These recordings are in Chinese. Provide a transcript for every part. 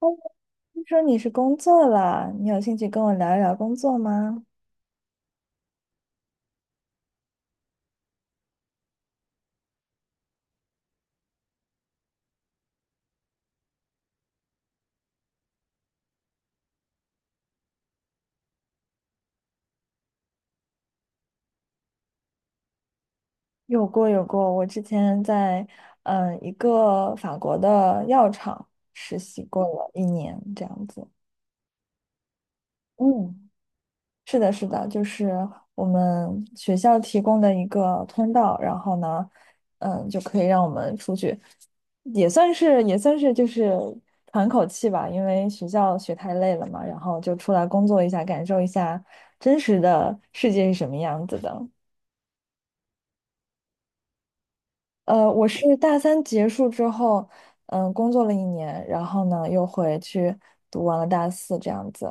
哦，听说你是工作了，你有兴趣跟我聊一聊工作吗？有过有过，我之前在一个法国的药厂实习过了一年，这样子。嗯，是的，是的，就是我们学校提供的一个通道，然后呢，就可以让我们出去，也算是就是喘口气吧，因为学校学太累了嘛，然后就出来工作一下，感受一下真实的世界是什么样子的。我是大三结束之后，工作了一年，然后呢又回去读完了大四这样子。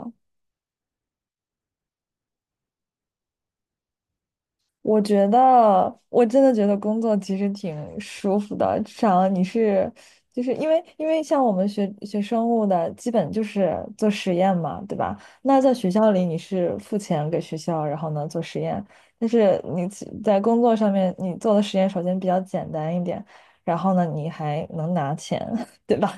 我觉得，我真的觉得工作其实挺舒服的，至少你是，就是因为像我们学生物的，基本就是做实验嘛，对吧？那在学校里你是付钱给学校，然后呢做实验，但是你其在工作上面你做的实验首先比较简单一点，然后呢你还能拿钱，对吧？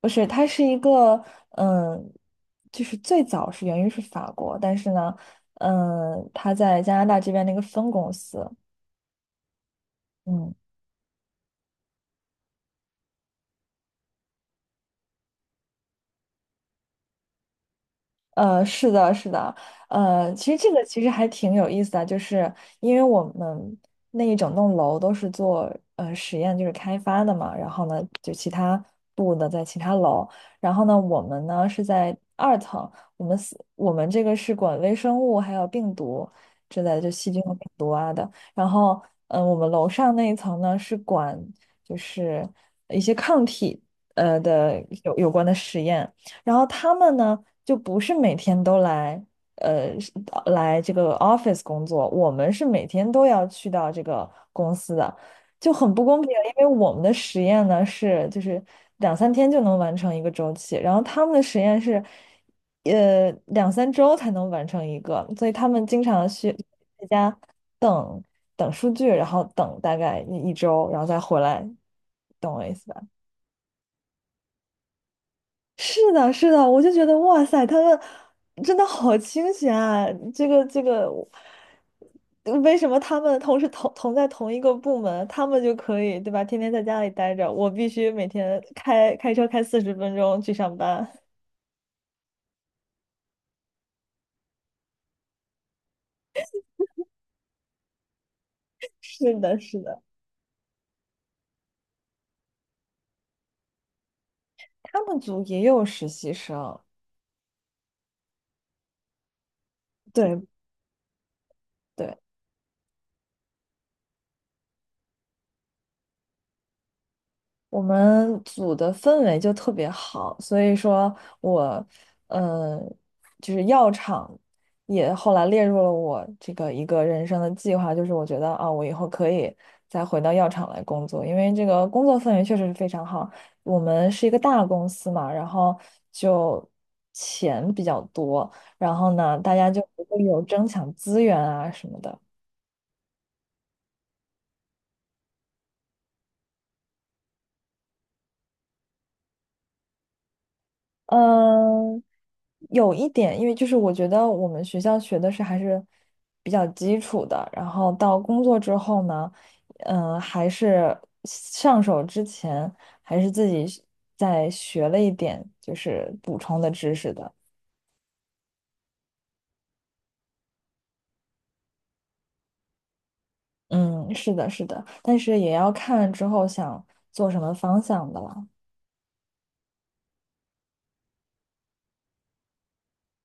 不是，它是一个，嗯，就是最早是源于是法国，但是呢，它在加拿大这边的一个分公司，嗯。是的，是的，其实这个其实还挺有意思的，就是因为我们那一整栋楼都是做实验，就是开发的嘛，然后呢，就其他部的在其他楼，然后呢，我们呢是在2层，我们这个是管微生物还有病毒之类的，就细菌和病毒啊的，然后我们楼上那一层呢是管就是一些抗体的有关的实验。然后他们呢，就不是每天都来，来这个 office 工作，我们是每天都要去到这个公司的，就很不公平，因为我们的实验呢是就是2、3天就能完成一个周期，然后他们的实验是，2、3周才能完成一个，所以他们经常去在家等等数据，然后等大概一周，然后再回来，懂我意思吧？是的，是的，我就觉得哇塞，他们真的好清闲啊！这个这个，嗯为什么他们同时在同一个部门，他们就可以，对吧？天天在家里待着，我必须每天开车开40分钟去上班。是的，是的，他们组也有实习生，对对。我们组的氛围就特别好，所以说我，呃，就是药厂也后来列入了我这个一个人生的计划，就是我觉得啊，我以后可以再回到药厂来工作，因为这个工作氛围确实是非常好。我们是一个大公司嘛，然后就钱比较多，然后呢，大家就不会有争抢资源啊什么的。嗯，有一点，因为就是我觉得我们学校学的是还是比较基础的，然后到工作之后呢，还是上手之前还是自己再学了一点，就是补充的知识的。嗯，是的，是的，但是也要看之后想做什么方向的了。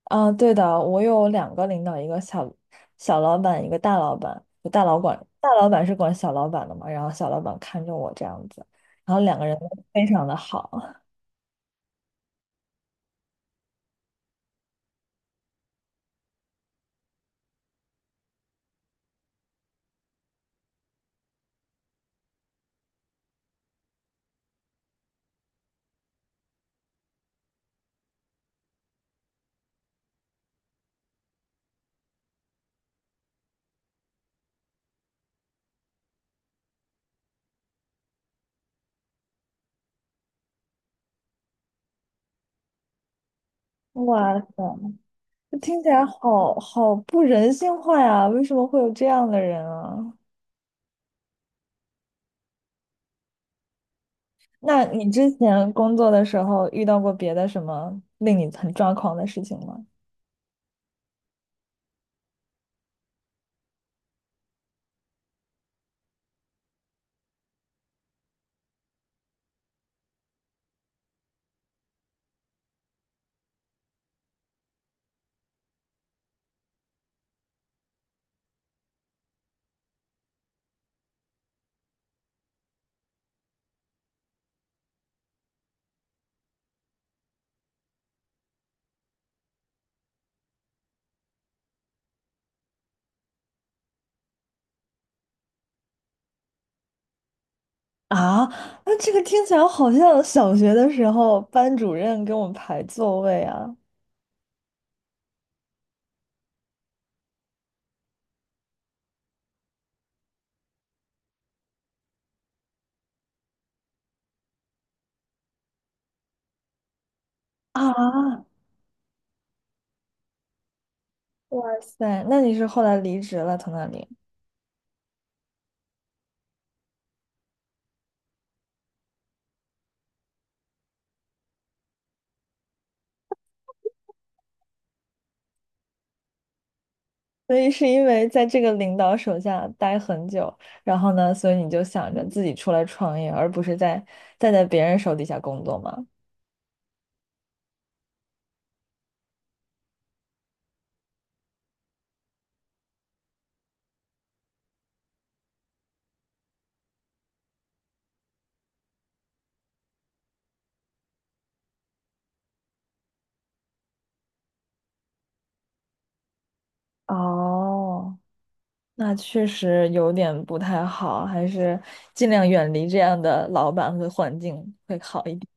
啊，对的，我有两个领导，一个小老板，一个大老板。就大老板是管小老板的嘛，然后小老板看着我这样子，然后两个人都非常的好。哇塞，这听起来好不人性化呀！为什么会有这样的人啊？那你之前工作的时候遇到过别的什么令你很抓狂的事情吗？啊，那这个听起来好像小学的时候班主任给我们排座位啊！啊。哇塞，那你是后来离职了从那里？所以是因为在这个领导手下待很久，然后呢，所以你就想着自己出来创业，而不是在别人手底下工作吗？哦，那确实有点不太好，还是尽量远离这样的老板和环境会好一点。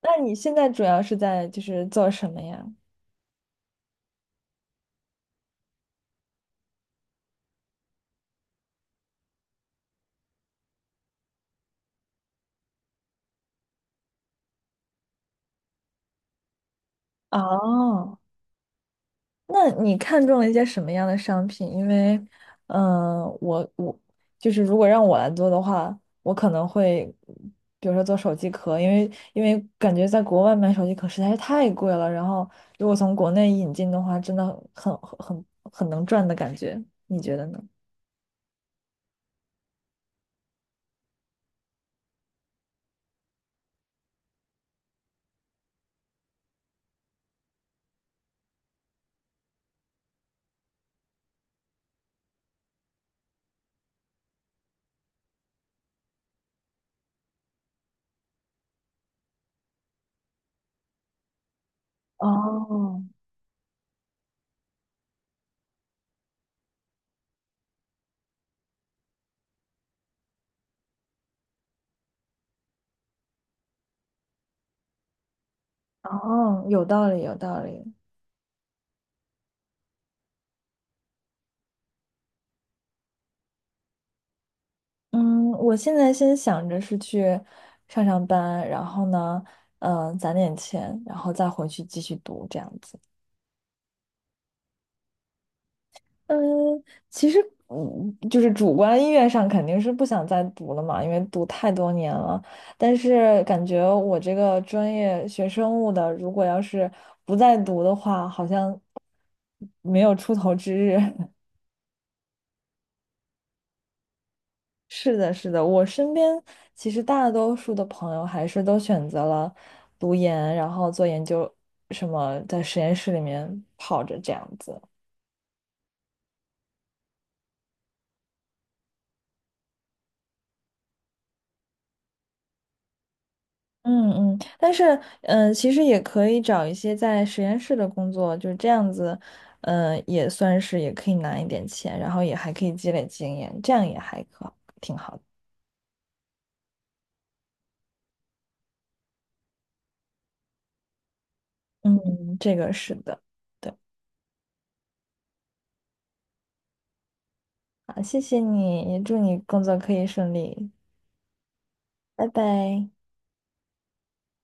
那你现在主要是在就是做什么呀？哦，那你看中了一些什么样的商品？因为，我就是如果让我来做的话，我可能会，比如说做手机壳，因为因为感觉在国外买手机壳实在是太贵了，然后如果从国内引进的话，真的很很很很能赚的感觉，你觉得呢？哦，哦，有道理，有道理。嗯，我现在先想着是去上班，然后呢，攒点钱，然后再回去继续读这样子。嗯，其实，就是主观意愿上肯定是不想再读了嘛，因为读太多年了。但是感觉我这个专业学生物的，如果要是不再读的话，好像没有出头之日。是的，是的，我身边其实大多数的朋友还是都选择了读研，然后做研究，什么在实验室里面泡着这样子。嗯嗯，但是其实也可以找一些在实验室的工作，就是这样子，嗯，也算是也可以拿一点钱，然后也还可以积累经验，这样也还可挺好的。嗯，这个是的，对，好，谢谢你，也祝你工作可以顺利，拜拜。